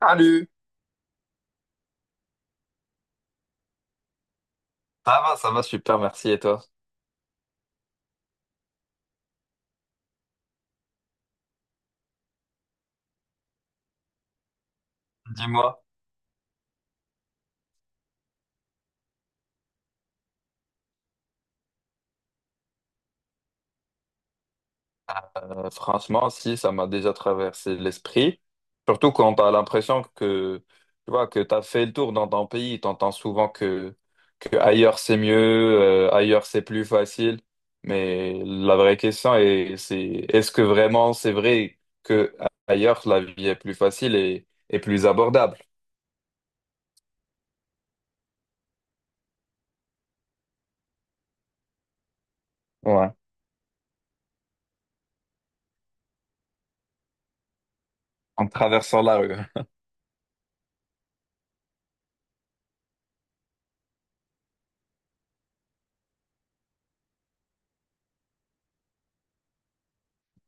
Salut! Ça va super, merci. Et toi? Dis-moi. Franchement, si, ça m'a déjà traversé l'esprit. Surtout quand tu as l'impression que tu vois que tu as fait le tour dans ton pays, tu entends souvent que ailleurs c'est mieux, ailleurs c'est plus facile. Mais la vraie question est, c'est est-ce que vraiment c'est vrai que ailleurs la vie est plus facile et plus abordable? Ouais. En traversant la rue.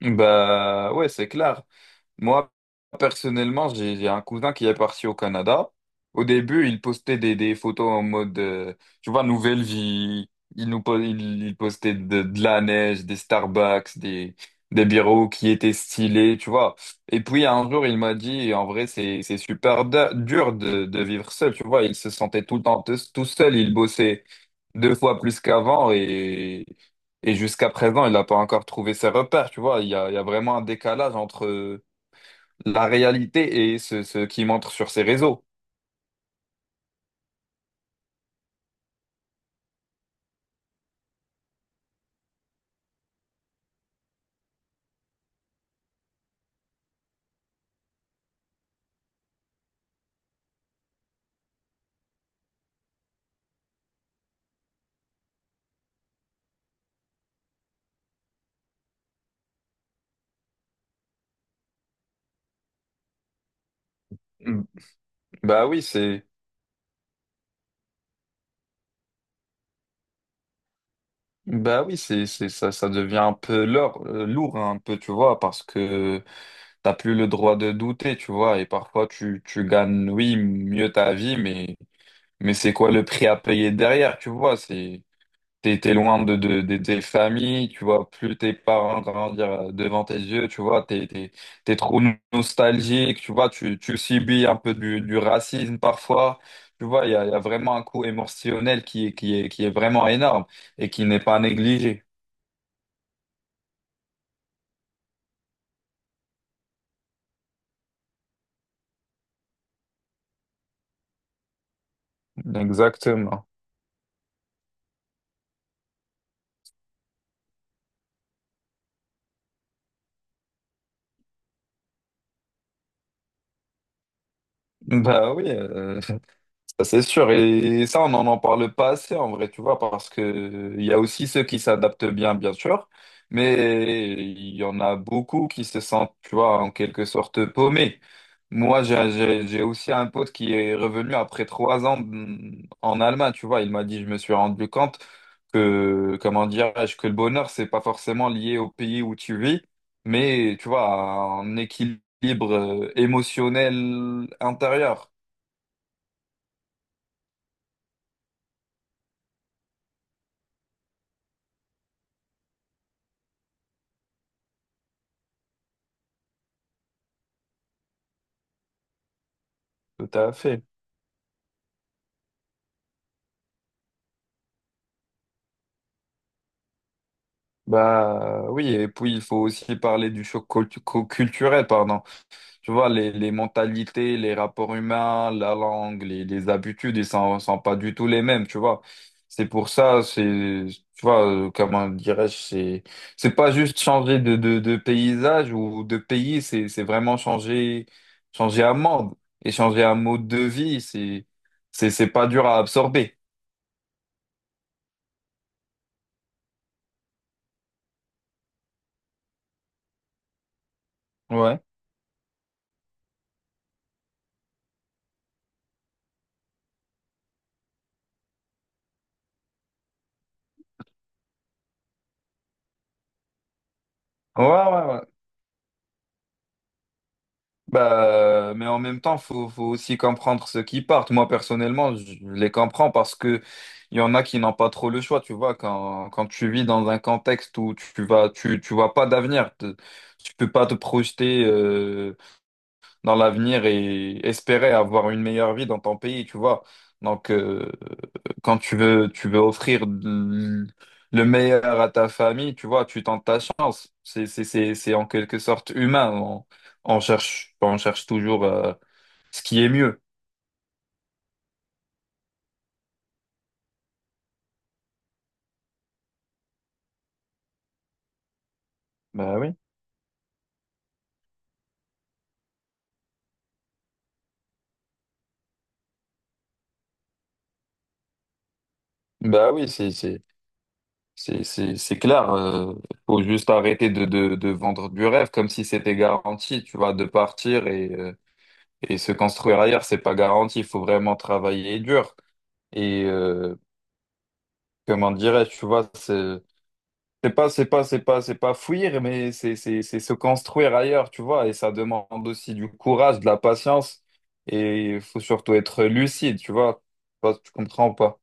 Bah ouais, c'est clair. Moi, personnellement, j'ai un cousin qui est parti au Canada. Au début, il postait des photos en mode, tu vois, nouvelle vie. Il nous po- il postait de la neige, des Starbucks, des bureaux qui étaient stylés, tu vois. Et puis, un jour, il m'a dit, en vrai, c'est super dur de vivre seul, tu vois. Il se sentait tout le temps tout seul. Il bossait deux fois plus qu'avant et jusqu'à présent, il n'a pas encore trouvé ses repères, tu vois. Il y a vraiment un décalage entre la réalité et ce qui montre sur ces réseaux. Mm. Bah oui, c'est bah oui, c'est ça ça devient un peu lourd, lourd hein, un peu, tu vois, parce que t'as plus le droit de douter, tu vois, et parfois tu gagnes oui, mieux ta vie, mais c'est quoi le prix à payer derrière, tu vois, c'est t'es loin de tes familles, tu vois, plus tes parents grandir devant tes yeux, tu vois, t'es trop nostalgique, tu vois, tu subis un peu du racisme parfois, tu vois, il y a vraiment un coût émotionnel qui est vraiment énorme et qui n'est pas négligé. Exactement. Bah oui, c'est sûr, et ça, on n'en en parle pas assez en vrai, tu vois, parce que il y a aussi ceux qui s'adaptent bien, bien sûr, mais il y en a beaucoup qui se sentent, tu vois, en quelque sorte paumés. Moi, j'ai aussi un pote qui est revenu après trois ans en Allemagne, tu vois, il m'a dit, je me suis rendu compte que, comment dirais-je, que le bonheur, c'est pas forcément lié au pays où tu vis, mais, tu vois, à un équilibre émotionnel intérieur. Tout à fait. Bah oui, et puis il faut aussi parler du choc culturel, pardon. Tu vois, les mentalités, les rapports humains, la langue, les habitudes, ils sont pas du tout les mêmes, tu vois. C'est pour ça, c'est, tu vois, comment dirais-je, c'est pas juste changer de paysage ou de pays, c'est vraiment changer, changer un monde et changer un mode de vie, c'est pas dur à absorber. Ouais. Ouais, ouais, ouais. Bah, mais en même temps, faut aussi comprendre ceux qui partent. Moi, personnellement, je les comprends parce que il y en a qui n'ont pas trop le choix. Tu vois, quand tu vis dans un contexte où tu vas, tu vois pas d'avenir, tu peux pas te projeter. Dans l'avenir et espérer avoir une meilleure vie dans ton pays, tu vois. Donc, quand tu veux offrir le meilleur à ta famille, tu vois, tu tentes ta chance. C'est en quelque sorte humain. On, on cherche toujours, ce qui est mieux. Bah oui. Bah oui, c'est clair. Faut juste arrêter de vendre du rêve comme si c'était garanti, tu vois, de partir et et se construire ailleurs, c'est pas garanti. Il faut vraiment travailler dur. Et comment dirais-je, tu vois, c'est pas fuir, mais c'est se construire ailleurs, tu vois. Et ça demande aussi du courage, de la patience. Et il faut surtout être lucide, tu vois. Je sais pas si tu comprends ou pas.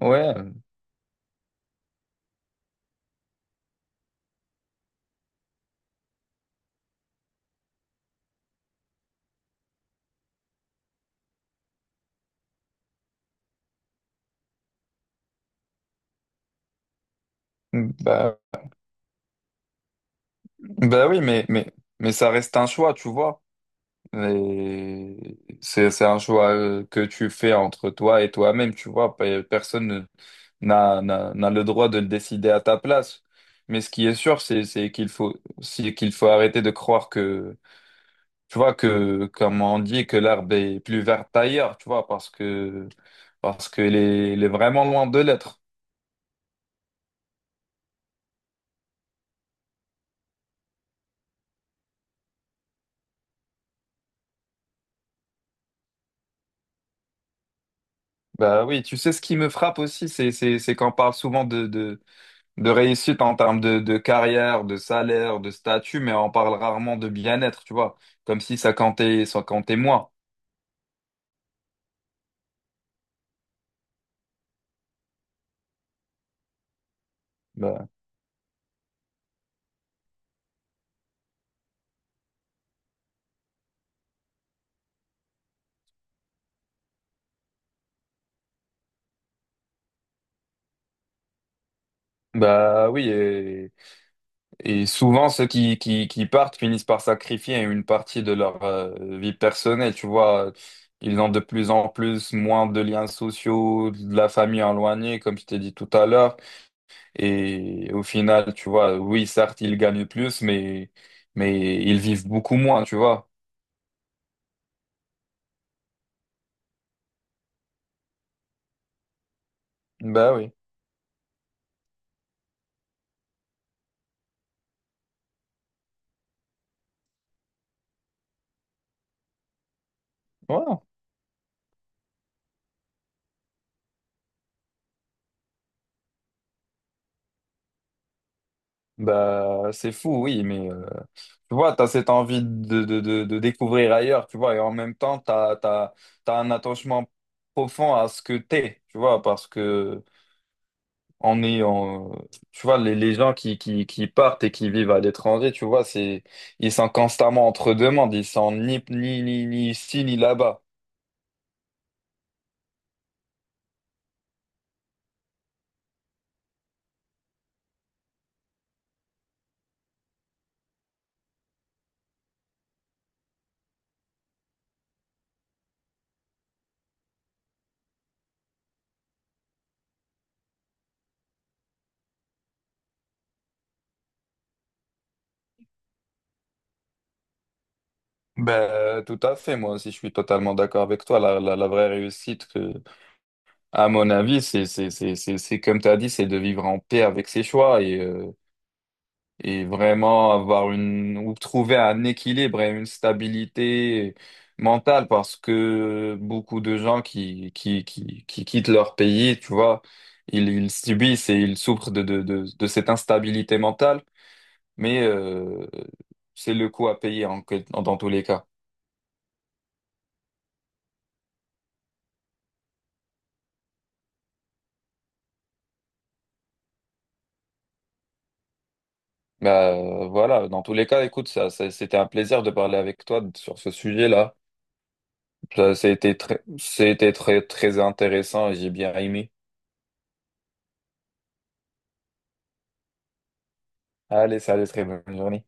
Ouais, bah, bah oui, mais ça reste un choix, tu vois. Et c'est un choix que tu fais entre toi et toi-même, tu vois. Personne n'a le droit de le décider à ta place. Mais ce qui est sûr, c'est qu'il faut, c'est qu'il faut arrêter de croire que, tu vois, que, comme on dit, que l'herbe est plus verte ailleurs, tu vois, parce que, parce elle est vraiment loin de l'être. Bah oui, tu sais, ce qui me frappe aussi, c'est qu'on parle souvent de réussite en termes de carrière, de salaire, de statut, mais on parle rarement de bien-être, tu vois, comme si ça comptait, ça comptait moins. Bah, bah oui. Et souvent, ceux qui partent finissent par sacrifier une partie de leur vie personnelle. Tu vois, ils ont de plus en plus moins de liens sociaux, de la famille éloignée, comme je t'ai dit tout à l'heure. Et au final, tu vois, oui, certes, ils gagnent plus, mais ils vivent beaucoup moins, tu vois. Bah oui. Ouais. Bah, c'est fou, oui, mais tu vois, tu as cette envie de découvrir ailleurs, tu vois, et en même temps, tu as, t'as, t'as t'as un attachement profond à ce que t'es, tu vois, parce que on est en, tu vois, les gens qui partent et qui vivent à l'étranger, tu vois, c'est, ils sont constamment entre deux mondes, ils sont ni ici, ni là-bas. Ben, tout à fait, moi aussi, je suis totalement d'accord avec toi, la vraie réussite, à mon avis, c'est comme tu as dit, c'est de vivre en paix avec ses choix et et vraiment avoir une ou trouver un équilibre et une stabilité mentale parce que beaucoup de gens qui quittent leur pays, tu vois, ils subissent et ils souffrent de cette instabilité mentale, mais c'est le coût à payer dans tous les cas. Bah, voilà, dans tous les cas, écoute, c'était un plaisir de parler avec toi sur ce sujet-là. Ça, c'était très, c'était très, très intéressant et j'ai bien aimé. Allez, salut, très bonne journée.